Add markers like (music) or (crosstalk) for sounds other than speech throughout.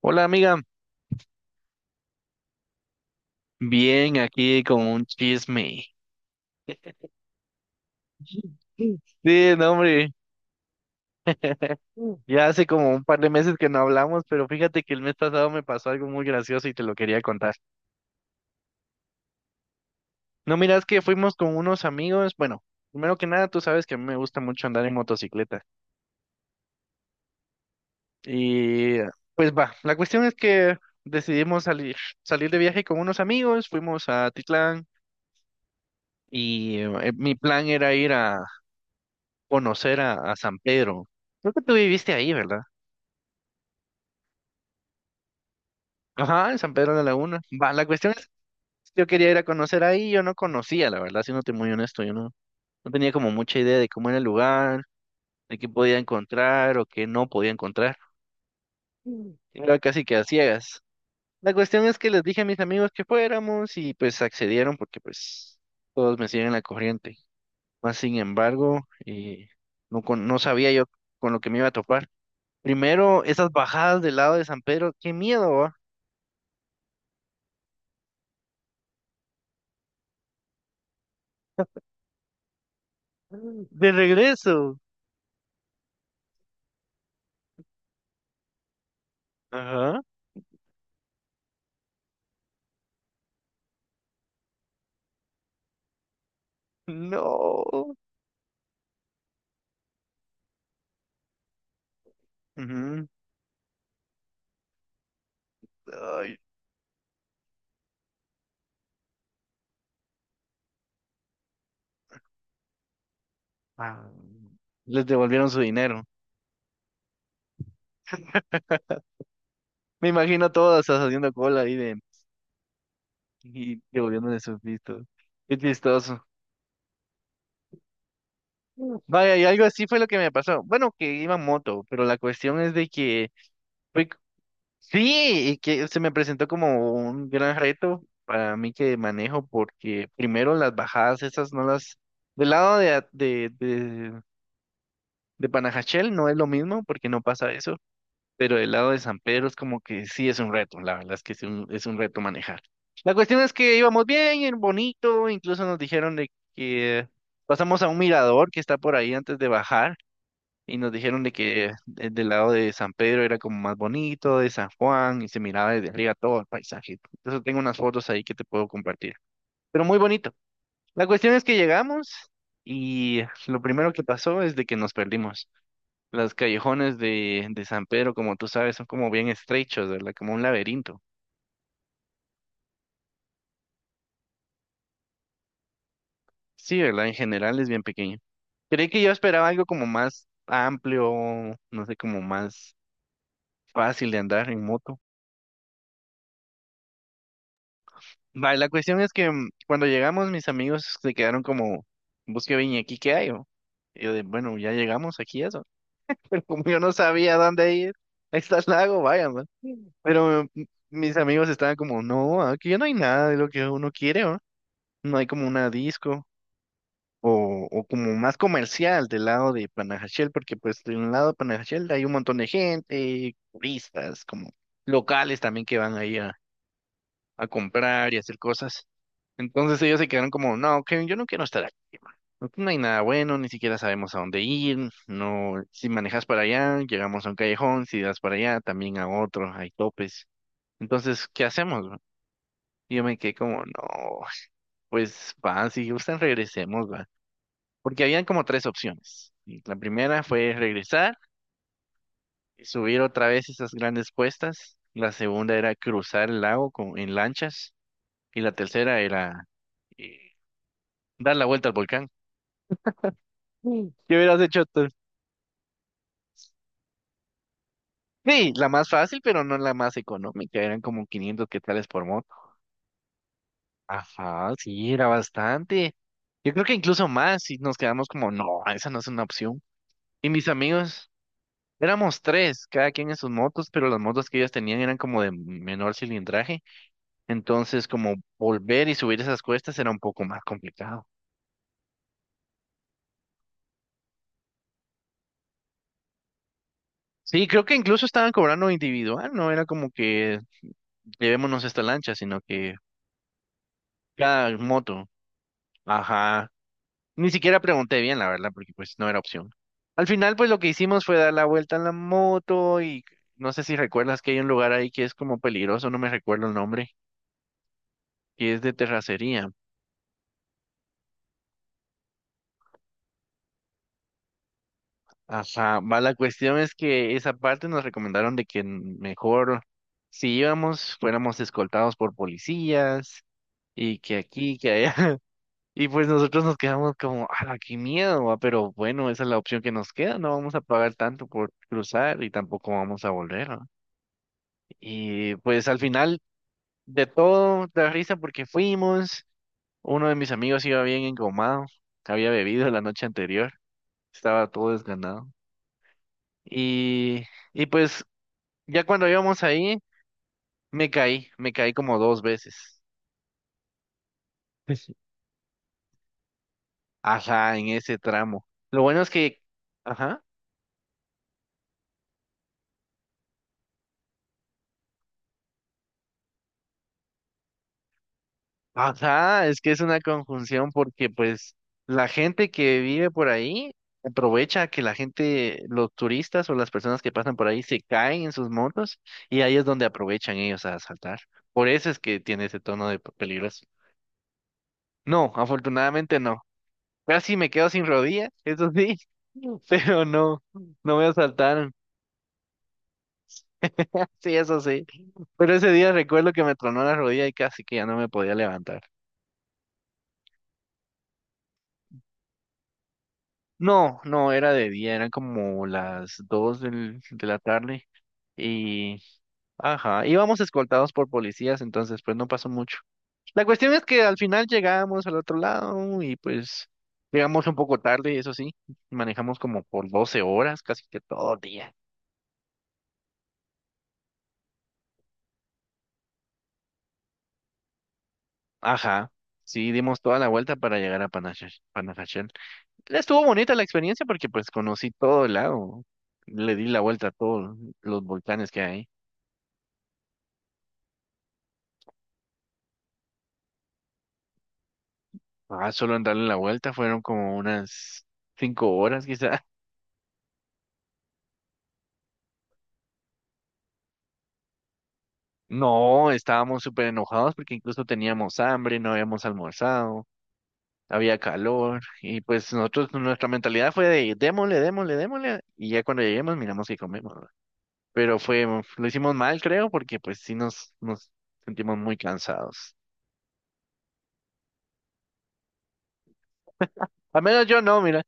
Hola amiga, bien aquí con un chisme. Sí, no, hombre, ya hace como un par de meses que no hablamos, pero fíjate que el mes pasado me pasó algo muy gracioso y te lo quería contar. No, mira, es que fuimos con unos amigos, bueno, primero que nada, tú sabes que a mí me gusta mucho andar en motocicleta. Y pues va, la cuestión es que decidimos salir de viaje con unos amigos, fuimos a Titlán y mi plan era ir a conocer a San Pedro. Creo que tú viviste ahí, ¿verdad? Ajá, en San Pedro de la Laguna. Va, la cuestión es, yo quería ir a conocer ahí, yo no conocía, la verdad, siéndote muy honesto, yo no tenía como mucha idea de cómo era el lugar, de qué podía encontrar o qué no podía encontrar. Mm. Era casi que a ciegas. La cuestión es que les dije a mis amigos que fuéramos y pues accedieron porque pues todos me siguen la corriente. Más sin embargo, no, no sabía yo con lo que me iba a topar. Primero, esas bajadas del lado de San Pedro, qué miedo, ¿va? Mm. De regreso. Ajá. No. Ujú. Ay, ah, les devolvieron su dinero. Me imagino todas haciendo cola ahí de y devolviéndole sus vistos. Qué chistoso. Vaya, y algo así fue lo que me pasó. Bueno, que iba en moto, pero la cuestión es de que fue- sí, y que se me presentó como un gran reto para mí que manejo, porque primero las bajadas esas no las, del lado de, a- de, de Panajachel no es lo mismo, porque no pasa eso. Pero del lado de San Pedro es como que sí es un reto, la verdad es que es un reto manejar. La cuestión es que íbamos bien, en bonito, incluso nos dijeron de que pasamos a un mirador que está por ahí antes de bajar y nos dijeron de que del lado de San Pedro era como más bonito, de San Juan y se miraba desde arriba todo el paisaje. Entonces tengo unas fotos ahí que te puedo compartir, pero muy bonito. La cuestión es que llegamos y lo primero que pasó es de que nos perdimos. Los callejones de San Pedro, como tú sabes, son como bien estrechos, ¿verdad? Como un laberinto. Sí, ¿verdad? En general es bien pequeño. Creí que yo esperaba algo como más amplio, no sé, como más fácil de andar en moto. Va, y la cuestión es que cuando llegamos, mis amigos se quedaron como, busque bien, ¿y aquí qué hay? O?". Y yo de, bueno, ya llegamos aquí, eso. (laughs) Pero como yo no sabía dónde ir, ahí está el lago, vaya, man. Pero mis amigos estaban como, no, aquí no hay nada de lo que uno quiere, ¿no? No hay como una disco, o como más comercial del lado de Panajachel, porque pues de un lado de Panajachel hay un montón de gente, turistas, como locales también que van ahí a comprar y hacer cosas. Entonces ellos se quedaron como, no, Kevin, yo no quiero estar aquí. Man. Aquí no hay nada bueno, ni siquiera sabemos a dónde ir, no, si manejas para allá, llegamos a un callejón, si das para allá, también a otro, hay topes. Entonces, ¿qué hacemos? Man?". Y yo me quedé como, no, pues va, si gustan regresemos, va. Porque habían como tres opciones. Y la primera fue regresar y subir otra vez esas grandes cuestas. La segunda era cruzar el lago en lanchas. Y la tercera era eh, dar la vuelta al volcán. Mm. ¿Qué hubieras hecho tú? Sí, la más fácil, pero no la más económica. Eran como 500 quetzales por moto. Ajá, sí, era bastante. Yo creo que incluso más si nos quedamos como, no, esa no es una opción. Y mis amigos, éramos tres, cada quien en sus motos, pero las motos que ellos tenían eran como de menor cilindraje. Entonces, como volver y subir esas cuestas era un poco más complicado. Sí, creo que incluso estaban cobrando individual, no era como que llevémonos esta lancha, sino que cada moto. Ajá. Ni siquiera pregunté bien, la verdad, porque pues no era opción. Al final, pues lo que hicimos fue dar la vuelta en la moto y no sé si recuerdas que hay un lugar ahí que es como peligroso, no me recuerdo el nombre, que es de terracería. Ajá, va, la cuestión es que esa parte nos recomendaron de que mejor si íbamos fuéramos escoltados por policías y que aquí, que allá. (laughs) Y pues nosotros nos quedamos como, ah, qué miedo, va, pero bueno, esa es la opción que nos queda, no vamos a pagar tanto por cruzar y tampoco vamos a volver, ¿va? Y pues al final de todo, da risa porque fuimos, uno de mis amigos iba bien engomado, había bebido la noche anterior, estaba todo desganado. Y... Y pues ya cuando íbamos ahí, me caí como dos veces. (laughs) Ajá, en ese tramo. Lo bueno es que, ajá, ajá, es que es una conjunción porque pues la gente que vive por ahí aprovecha que la gente, los turistas o las personas que pasan por ahí se caen en sus motos y ahí es donde aprovechan ellos a asaltar. Por eso es que tiene ese tono de peligroso. No, afortunadamente no. Casi me quedo sin rodilla, eso sí, (laughs) pero no, no me asaltaron. (laughs) Sí, eso sí. Pero ese día recuerdo que me tronó la rodilla y casi que ya no me podía levantar. No, no, era de día, eran como las dos de la tarde y, ajá, íbamos escoltados por policías, entonces pues no pasó mucho. La cuestión es que al final llegamos al otro lado y pues llegamos un poco tarde, eso sí, manejamos como por 12 horas, casi que todo el día. Ajá, sí, dimos toda la vuelta para llegar a Panajachel. Estuvo bonita la experiencia porque pues conocí todo el lago. Le di la vuelta a todos los volcanes que hay. Ah, solo en darle la vuelta fueron como unas 5 horas quizá. (laughs) No, estábamos súper enojados porque incluso teníamos hambre, no habíamos almorzado, había calor y pues nosotros, nuestra mentalidad fue de démosle, démosle, démosle y ya cuando lleguemos miramos qué comemos. ¿Verdad? Pero lo hicimos mal creo porque pues sí nos sentimos muy cansados. Al menos yo no, mira.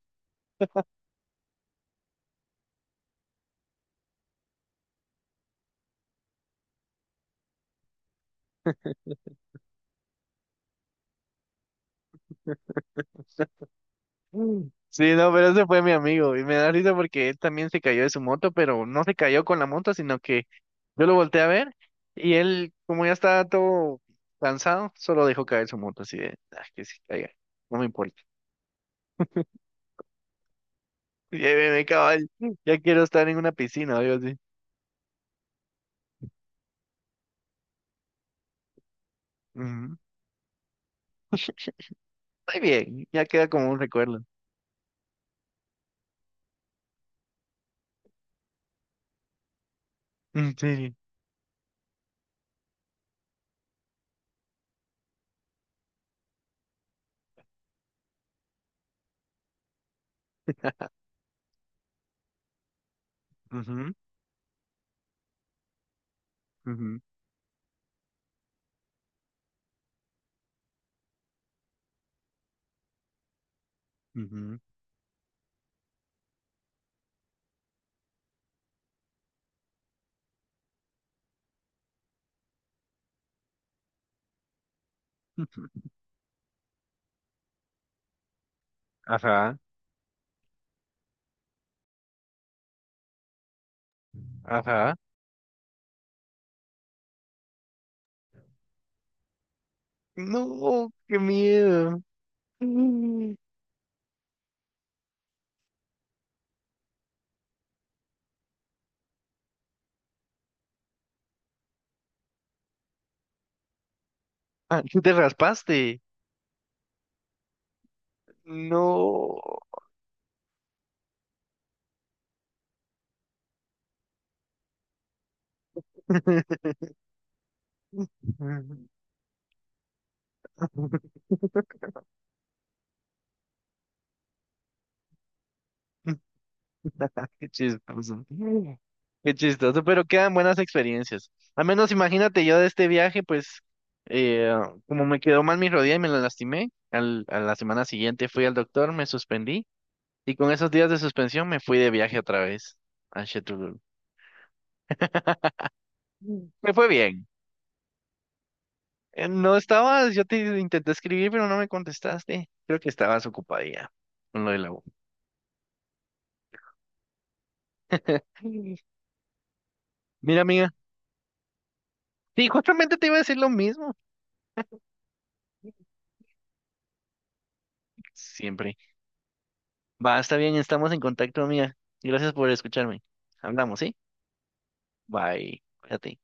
Mm. Sí, no, pero ese fue mi amigo y me da risa porque él también se cayó de su moto, pero no se cayó con la moto, sino que yo lo volteé a ver y él, como ya estaba todo cansado, solo dejó caer su moto así de, "Ah, que se caiga, no me importa. (laughs) Lléveme, caballo, ya quiero estar en una piscina, o algo así. Ujú. Muy bien, ya queda como un recuerdo. Mm, sí. Ujú, ujú, ujú, ujú. Ajá, ajá. No, qué miedo. Mm. Ah, tú te raspaste. No. (laughs) Qué chistoso. Qué chistoso, pero quedan buenas experiencias. Al menos imagínate yo de este viaje, pues eh, como me quedó mal mi rodilla y me la lastimé, a la semana siguiente fui al doctor, me suspendí y con esos días de suspensión me fui de viaje otra vez a Chetulul. Mm. Me fue bien. No estabas, yo te intenté escribir, pero no me contestaste. Creo que estabas ocupada ya con lo de la U. Mm. Mira, amiga. Sí, justamente te iba a decir lo mismo. Siempre. Va, está bien, estamos en contacto, amiga. Gracias por escucharme. Hablamos, ¿sí? Bye. Cuídate.